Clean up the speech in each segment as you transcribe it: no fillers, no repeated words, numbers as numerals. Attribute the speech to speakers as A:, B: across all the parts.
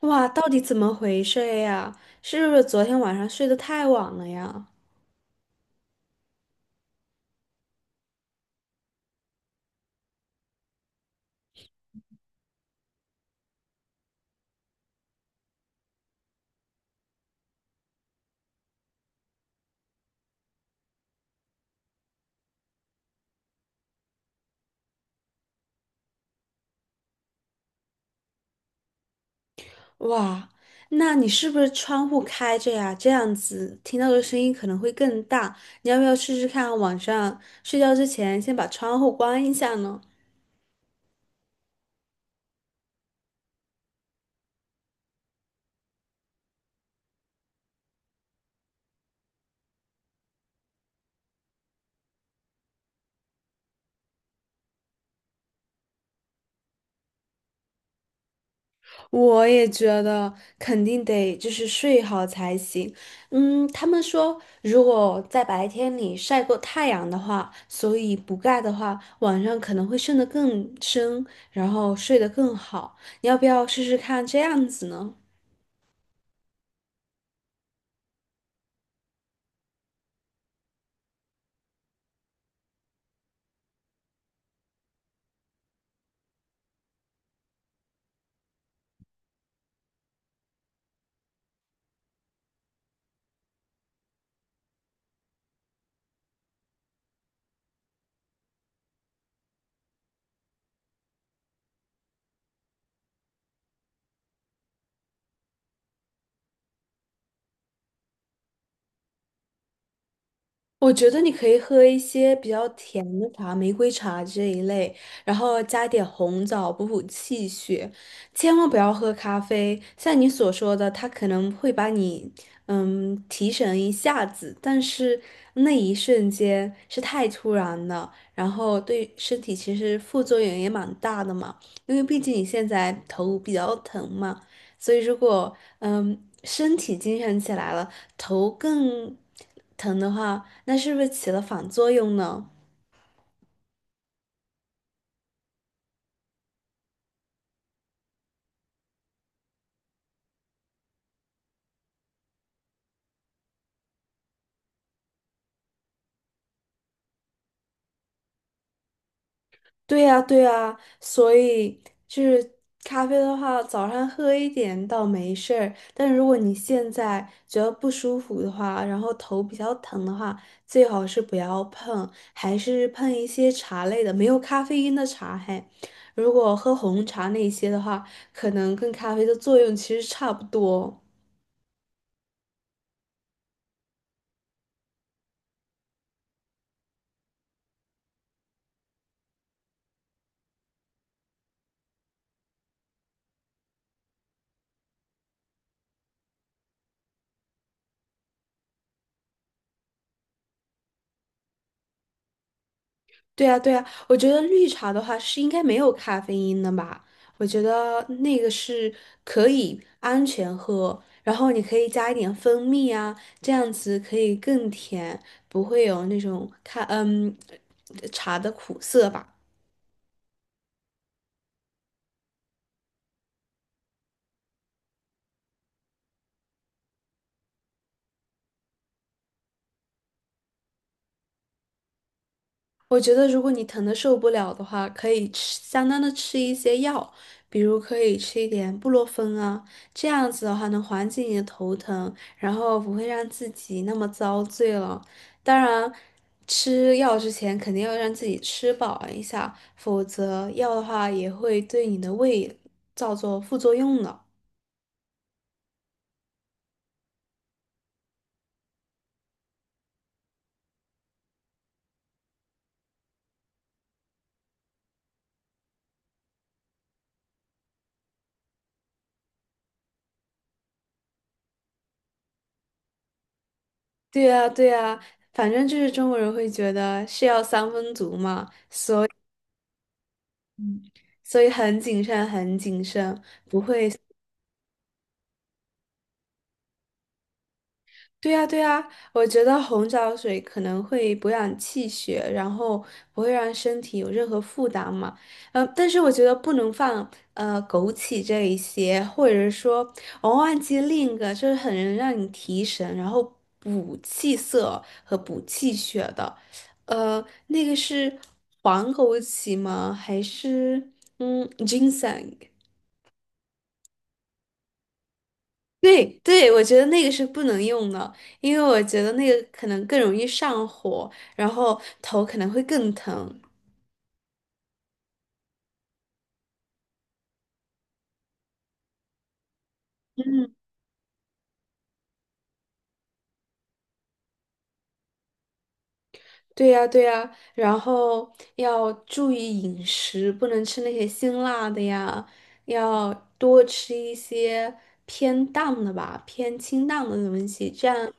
A: 哇，到底怎么回事呀？是不是昨天晚上睡得太晚了呀？哇，那你是不是窗户开着呀？这样子听到的声音可能会更大。你要不要试试看，晚上睡觉之前先把窗户关一下呢？我也觉得肯定得就是睡好才行。他们说如果在白天里晒过太阳的话，所以补钙的话，晚上可能会睡得更深，然后睡得更好。你要不要试试看这样子呢？我觉得你可以喝一些比较甜的茶，玫瑰茶这一类，然后加点红枣补补气血。千万不要喝咖啡，像你所说的，它可能会把你提神一下子，但是那一瞬间是太突然了，然后对身体其实副作用也蛮大的嘛，因为毕竟你现在头比较疼嘛。所以如果身体精神起来了，头更疼的话，那是不是起了反作用呢？对呀，对呀，所以就是咖啡的话，早上喝一点倒没事儿，但如果你现在觉得不舒服的话，然后头比较疼的话，最好是不要碰，还是碰一些茶类的，没有咖啡因的茶嘿。如果喝红茶那些的话，可能跟咖啡的作用其实差不多。对啊，对啊，我觉得绿茶的话是应该没有咖啡因的吧？我觉得那个是可以安全喝，然后你可以加一点蜂蜜啊，这样子可以更甜，不会有那种茶的苦涩吧。我觉得如果你疼的受不了的话，可以吃相当的吃一些药，比如可以吃一点布洛芬啊，这样子的话能缓解你的头疼，然后不会让自己那么遭罪了。当然，吃药之前肯定要让自己吃饱一下，否则药的话也会对你的胃造作副作用的。对啊，对啊，反正就是中国人会觉得是药三分毒嘛，所以很谨慎，很谨慎。对呀，对呀，我觉得红枣水可能会补养气血，然后不会让身体有任何负担嘛。但是我觉得不能放枸杞这一些，或者是说我忘记另一个，就是很能让你提神，然后补气色和补气血的。那个是黄枸杞吗？还是金 i 对对，我觉得那个是不能用的，因为我觉得那个可能更容易上火，然后头可能会更疼。嗯，对呀对呀，然后要注意饮食，不能吃那些辛辣的呀，要多吃一些偏淡的吧，偏清淡的东西，这样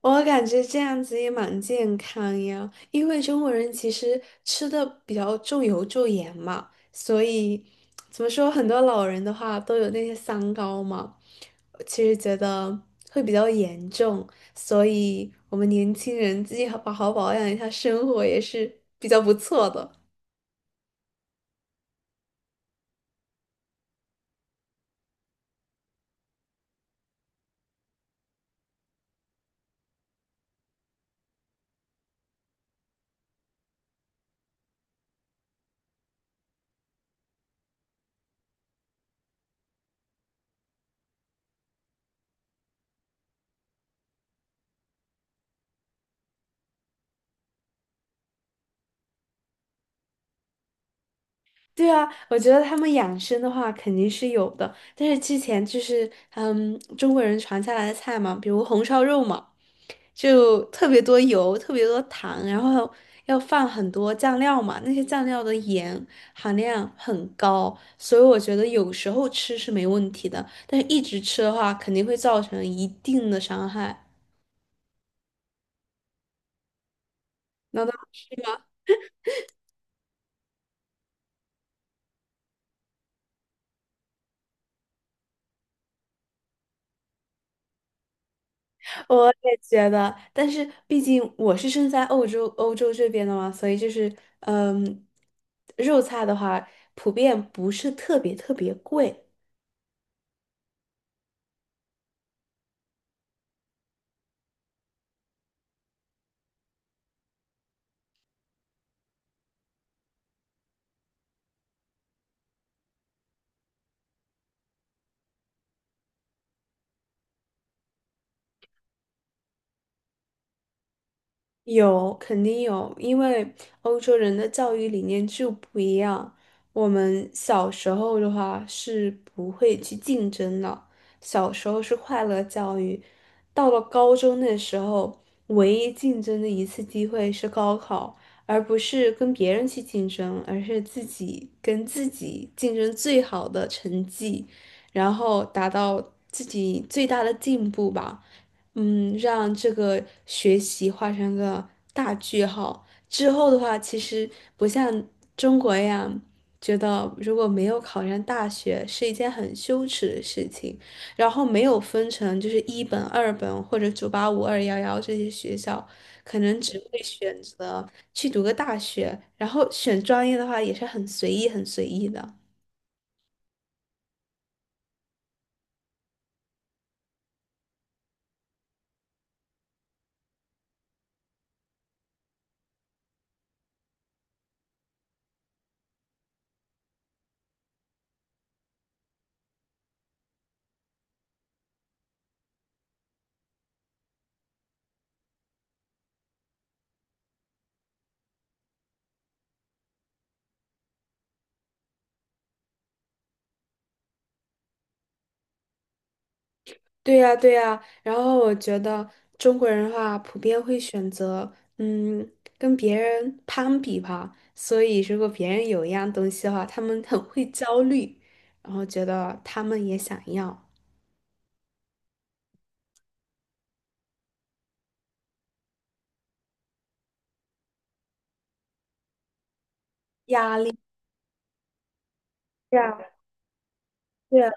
A: 我感觉这样子也蛮健康呀，因为中国人其实吃的比较重油重盐嘛，所以怎么说，很多老人的话都有那些三高嘛，我其实觉得会比较严重，所以我们年轻人自己好好好保养一下生活也是比较不错的。对啊，我觉得他们养生的话肯定是有的，但是之前就是中国人传下来的菜嘛，比如红烧肉嘛，就特别多油，特别多糖，然后要放很多酱料嘛，那些酱料的盐含量很高，所以我觉得有时候吃是没问题的，但是一直吃的话肯定会造成一定的伤害。那我也觉得，但是毕竟我是生在欧洲，欧洲这边的嘛，所以就是，嗯，肉菜的话，普遍不是特别特别贵，有，肯定有，因为欧洲人的教育理念就不一样。我们小时候的话是不会去竞争的，小时候是快乐教育，到了高中那时候，唯一竞争的一次机会是高考，而不是跟别人去竞争，而是自己跟自己竞争最好的成绩，然后达到自己最大的进步吧。让这个学习画上个大句号。之后的话，其实不像中国一样，觉得如果没有考上大学是一件很羞耻的事情，然后没有分成就是一本、二本或者985、211这些学校，可能只会选择去读个大学，然后选专业的话也是很随意、很随意的。对呀，对呀，然后我觉得中国人的话，普遍会选择嗯跟别人攀比吧，所以如果别人有一样东西的话，他们很会焦虑，然后觉得他们也想要，压力。对呀，对啊，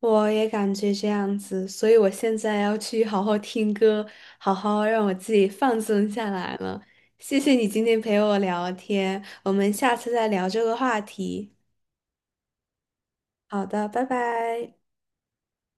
A: 我也感觉这样子，所以我现在要去好好听歌，好好让我自己放松下来了。谢谢你今天陪我聊天，我们下次再聊这个话题。好的，拜拜。